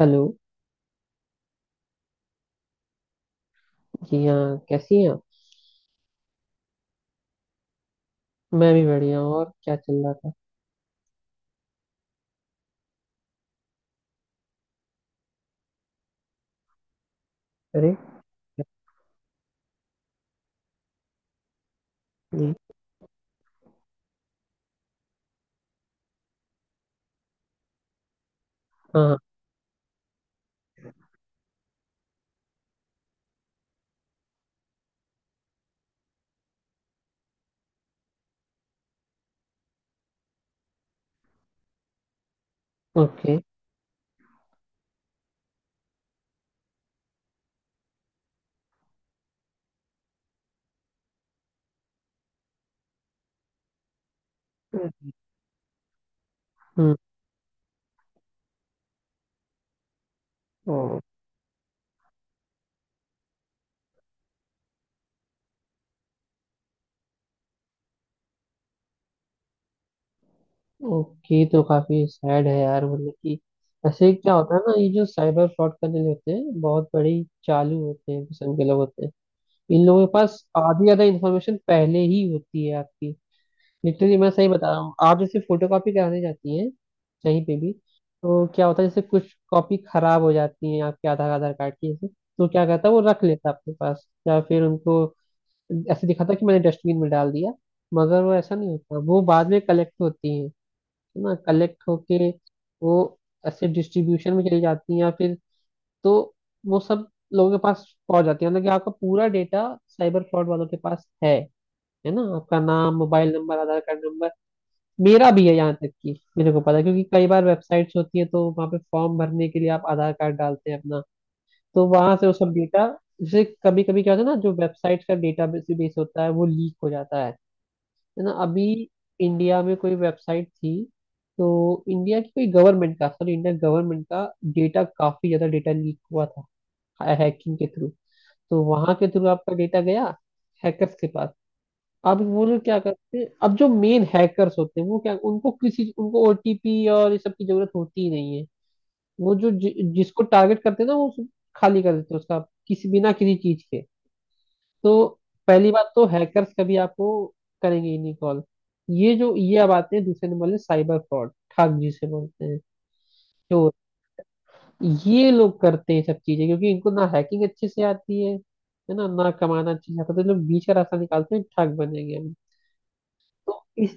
Hello. जी हाँ, कैसी हैं आप? मैं भी बढ़िया हूँ। और क्या चल रहा था? अरे। जी। हाँ, हाँ। ओके। हम्म। ओ, ओके, तो काफी सैड है यार। मतलब कि ऐसे क्या होता है ना, ये जो साइबर फ्रॉड करने जो होते हैं, बहुत बड़ी चालू होते हैं, किस्म के लोग होते हैं। इन लोगों के पास आधी ज्यादा इन्फॉर्मेशन पहले ही होती है आपकी। नित्य जी, मैं सही बता रहा हूँ। आप जैसे फोटो कॉपी कराने जाती हैं कहीं पे भी, तो क्या होता है, जैसे कुछ कॉपी खराब हो जाती है आपके आधार आधार कार्ड की जैसे, तो क्या करता है वो रख लेता है अपने पास, या फिर उनको ऐसे दिखाता है कि मैंने डस्टबिन में डाल दिया। मगर वो ऐसा नहीं होता, वो बाद में कलेक्ट होती है ना, कलेक्ट होके वो ऐसे डिस्ट्रीब्यूशन में चली जाती है, या फिर, तो वो सब लोगों के पास पहुंच जाती है, मतलब कि आपका पूरा डेटा साइबर फ्रॉड वालों के पास है ना? आपका नाम, mobile number, Aadhaar card number, मेरा भी है यहाँ तक कि मेरे को पता है, क्योंकि कई बार वेबसाइट्स होती है तो वहाँ पे फॉर्म भरने के लिए आप आधार कार्ड डालते हैं अपना, तो वहां से वो सब डेटा, जैसे कभी कभी क्या होता है ना, जो वेबसाइट का डेटा बेस होता है वो लीक हो जाता है। है ना, अभी इंडिया में कोई वेबसाइट थी, तो इंडिया की कोई गवर्नमेंट का, सॉरी, इंडिया गवर्नमेंट का डेटा, काफी ज्यादा डेटा लीक हुआ था, हैकिंग के थ्रू, तो वहां के थ्रू आपका डेटा गया हैकर्स के पास। अब वो लोग क्या करते हैं, अब जो मेन हैकर्स होते हैं, वो क्या, उनको किसी, उनको ओटीपी और ये सब की जरूरत होती ही नहीं है। वो जो जिसको टारगेट करते हैं ना, वो खाली कर देते हैं उसका, किसी बिना किसी चीज के। तो पहली बात तो हैकर्स कभी आपको करेंगे ही नहीं कॉल। ये जो, ये अब आते हैं दूसरे नंबर में साइबर फ्रॉड, ठग जिसे बोलते हैं। तो ये लोग करते हैं सब चीजें, क्योंकि इनको ना हैकिंग अच्छे से आती है ना, ना कमाना अच्छे से आता है, तो ये लोग बीच का रास्ता निकालते हैं, ठग बनेंगे हम, तो इस।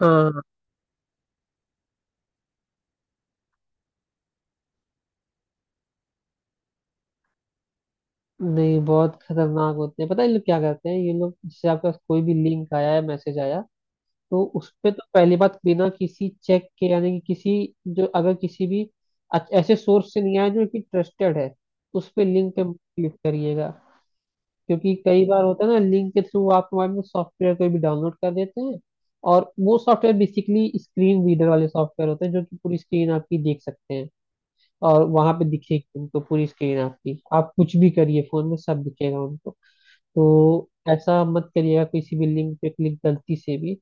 हाँ। नहीं, बहुत खतरनाक होते हैं, पता है? ये लोग क्या करते हैं, ये लोग जैसे आपके पास कोई भी लिंक आया है, मैसेज आया, तो उस पे तो पहली बात बिना किसी चेक के, यानी कि किसी, जो अगर किसी भी ऐसे सोर्स से नहीं आया जो कि ट्रस्टेड है, उस पे लिंक पे क्लिक करिएगा। क्योंकि कई बार होता है ना, लिंक के थ्रू आप मोबाइल में सॉफ्टवेयर कोई भी डाउनलोड कर देते हैं, और वो सॉफ्टवेयर बेसिकली स्क्रीन रीडर वाले सॉफ्टवेयर होते हैं, जो कि पूरी स्क्रीन आपकी देख सकते हैं, और वहां पे दिखेगी उनको पूरी स्क्रीन आपकी, आप कुछ भी करिए फोन में सब दिखेगा उनको। तो ऐसा मत करिएगा किसी भी लिंक पे क्लिक गलती से भी।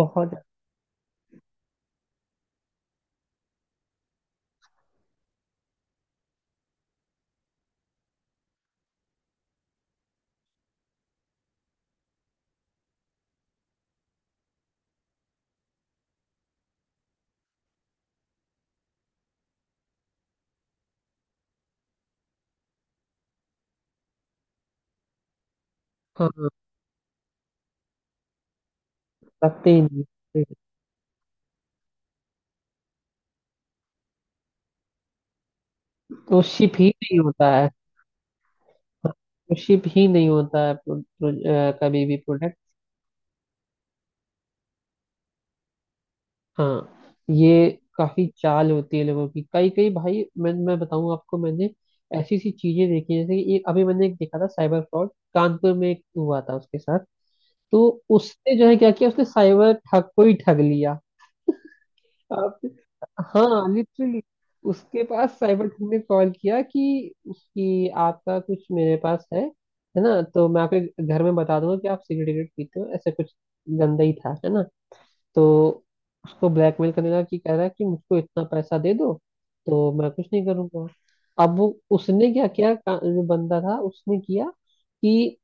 बहुत। हाँ, रखते ही नहीं। तो शिप ही नहीं होता है। तो शिप ही नहीं होता है प्रो, प्रो, कभी भी प्रोडक्ट। हाँ, ये काफी चाल होती है लोगों की, कई कई भाई, मैं बताऊं आपको, मैंने ऐसी ऐसी चीजें देखी हैं, जैसे कि एक अभी मैंने एक देखा था, साइबर फ्रॉड कानपुर में एक हुआ था उसके साथ। तो उसने जो है क्या किया, उसने साइबर ठग को ही ठग लिया। आप। हाँ, लिटरली। उसके पास साइबर टीम ने कॉल किया कि आपका कुछ मेरे पास है ना, तो मैं आपके घर में बता दूंगा कि आप सिगरेट विगरेट पीते हो, ऐसा कुछ गंदा ही था, है ना। तो उसको ब्लैकमेल करने लगा, कि कह रहा है कि मुझको इतना पैसा दे दो, तो मैं कुछ नहीं करूंगा। अब वो, उसने क्या किया, जो बंदा था उसने किया कि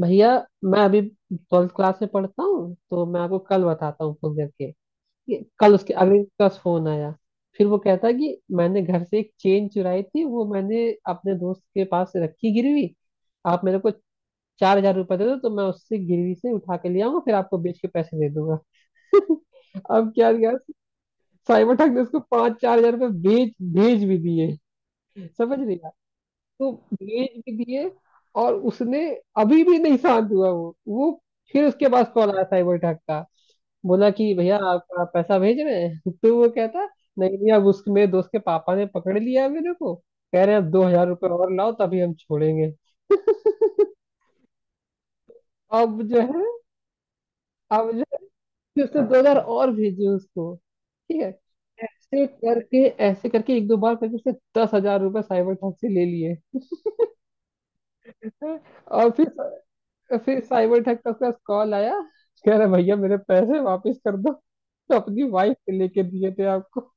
भैया, मैं अभी 12th क्लास में पढ़ता हूँ, तो मैं आपको कल बताता हूँ फोन करके। ये कल, उसके अगले दिन का फोन आया। फिर वो कहता है कि मैंने घर से एक चेन चुराई थी, वो मैंने अपने दोस्त के पास रखी गिरवी, आप मेरे को 4,000 रुपये दे दो, तो मैं उससे गिरवी से उठा के ले आऊंगा, फिर आपको बेच के पैसे दे दूंगा। अब क्या यार। साइबर ठग ने उसको पांच 4,000 रुपये बेच भेज भी दिए। समझ रही आप? तो भेज भी दिए। और उसने, अभी भी नहीं शांत हुआ, वो फिर उसके पास कॉल आया साइबर ठग का। बोला कि भैया, आपका पैसा भेज रहे हैं। तो वो कहता, नहीं नहीं, अब उसके, मेरे दोस्त के पापा ने पकड़ लिया है मेरे को, कह रहे हैं अब 2,000 रुपये और लाओ तभी हम छोड़ेंगे। अब जो है अब जो है कि उसने 2,000 और भेजे उसको। ठीक है। ऐसे करके एक दो बार करके उसने 10,000 रुपये साइबर ठग से ले लिए। और फिर साइबर ठग का उसके पास कॉल आया। कह रहा भैया मेरे पैसे वापस कर दो, तो अपनी वाइफ के लेके दिए थे आपको।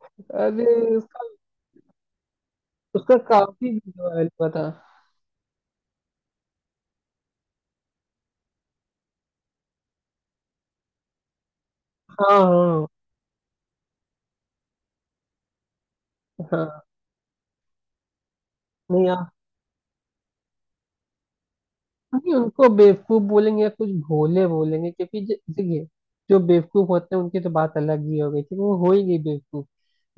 अरे। उसका काफी वीडियो वायरल हुआ था। हाँ, हाँ, हाँ। नहीं आप। नहीं, उनको बेवकूफ बोलेंगे या कुछ भोले बोलेंगे, क्योंकि देखिए, जो बेवकूफ होते हैं उनकी तो बात अलग ही हो गई, ठीक है, वो हो ही गई बेवकूफ।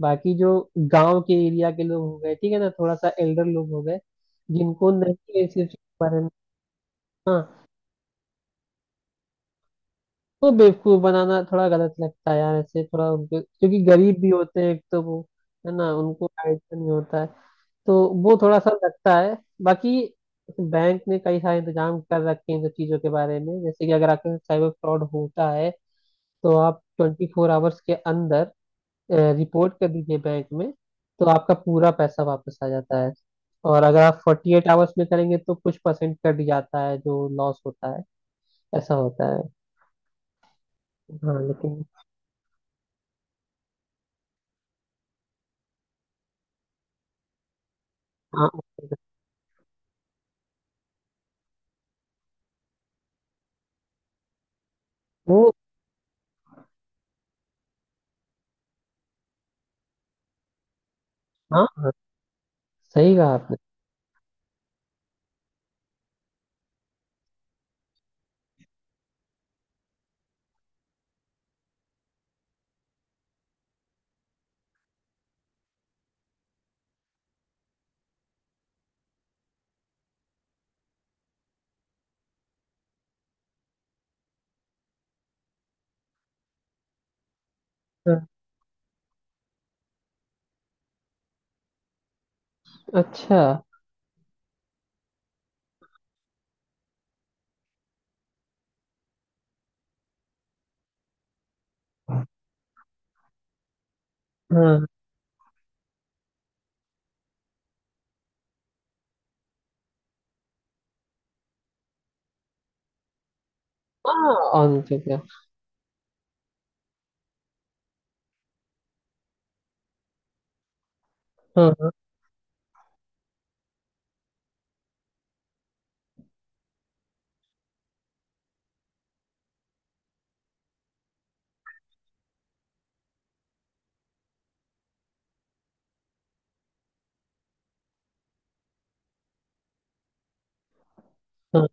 बाकी जो गांव के एरिया के लोग हो गए, ठीक है ना, थोड़ा सा एल्डर लोग हो गए, जिनको नहीं है इस चीज के बारे में। हाँ, वो बेवकूफ बनाना थोड़ा गलत लगता है यार, ऐसे थोड़ा उनके, क्योंकि गरीब भी होते हैं एक तो वो, है ना, उनको आइडिया नहीं होता है। तो वो थोड़ा सा लगता है। बाकी बैंक ने कई सारे इंतजाम कर रखे हैं इन सब चीजों के बारे में, जैसे कि अगर आपके साइबर फ्रॉड होता है, तो आप 24 आवर्स के अंदर रिपोर्ट कर दीजिए बैंक में, तो आपका पूरा पैसा वापस आ जाता है। और अगर आप 48 आवर्स में करेंगे तो कुछ परसेंट कट जाता है, जो लॉस होता है, ऐसा होता है। हाँ, लेकिन। हाँ, वो। हाँ, सही कहा आपने। हाँ, अच्छा। हाँ, हाँ। ऑन तो क्या? हाँ, हाँ, हाँ।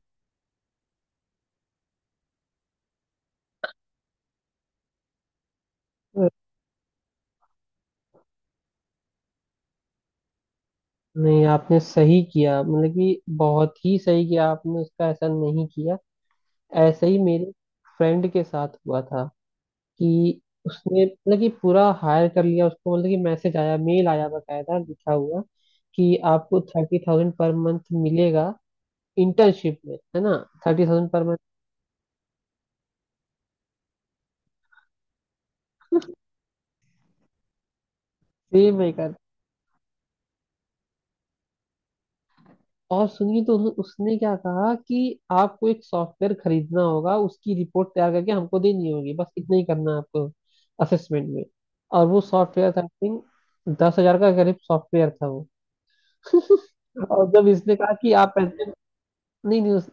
नहीं, आपने सही किया, मतलब कि बहुत ही सही किया आपने, उसका ऐसा नहीं किया। ऐसा ही मेरे फ्रेंड के साथ हुआ था, कि उसने मतलब कि पूरा हायर कर लिया उसको, मतलब कि मैसेज आया, मेल आया, बकायदा लिखा हुआ कि आपको 30,000 पर मंथ मिलेगा इंटर्नशिप में, है ना, 30,000 पर मंथ। सेम है। और सुनिए, तो उसने क्या कहा कि आपको एक सॉफ्टवेयर खरीदना होगा, उसकी रिपोर्ट तैयार करके हमको देनी होगी, बस इतना ही करना है आपको, असेसमेंट में। और वो सॉफ्टवेयर था आई थिंक, 10,000 का करीब सॉफ्टवेयर था वो। और जब इसने कहा कि आप ऐसे, नहीं नहीं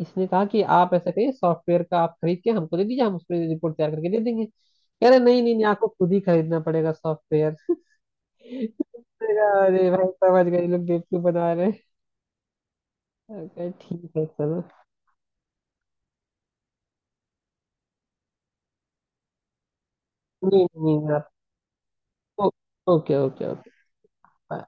इसने कहा कि आप ऐसा करिए, सॉफ्टवेयर का आप खरीद के हमको दे दीजिए, हम उस पर रिपोर्ट तैयार करके दे देंगे। कह रहे, नहीं नहीं नहीं, आपको खुद ही खरीदना पड़ेगा सॉफ्टवेयर। अरे भाई, समझ गए ये लोग बेवकूफ बना रहे हैं। मैंने कहा, ठीक है चलो। नहीं नहीं। ओ- ओके, ओके, ओके। बाय।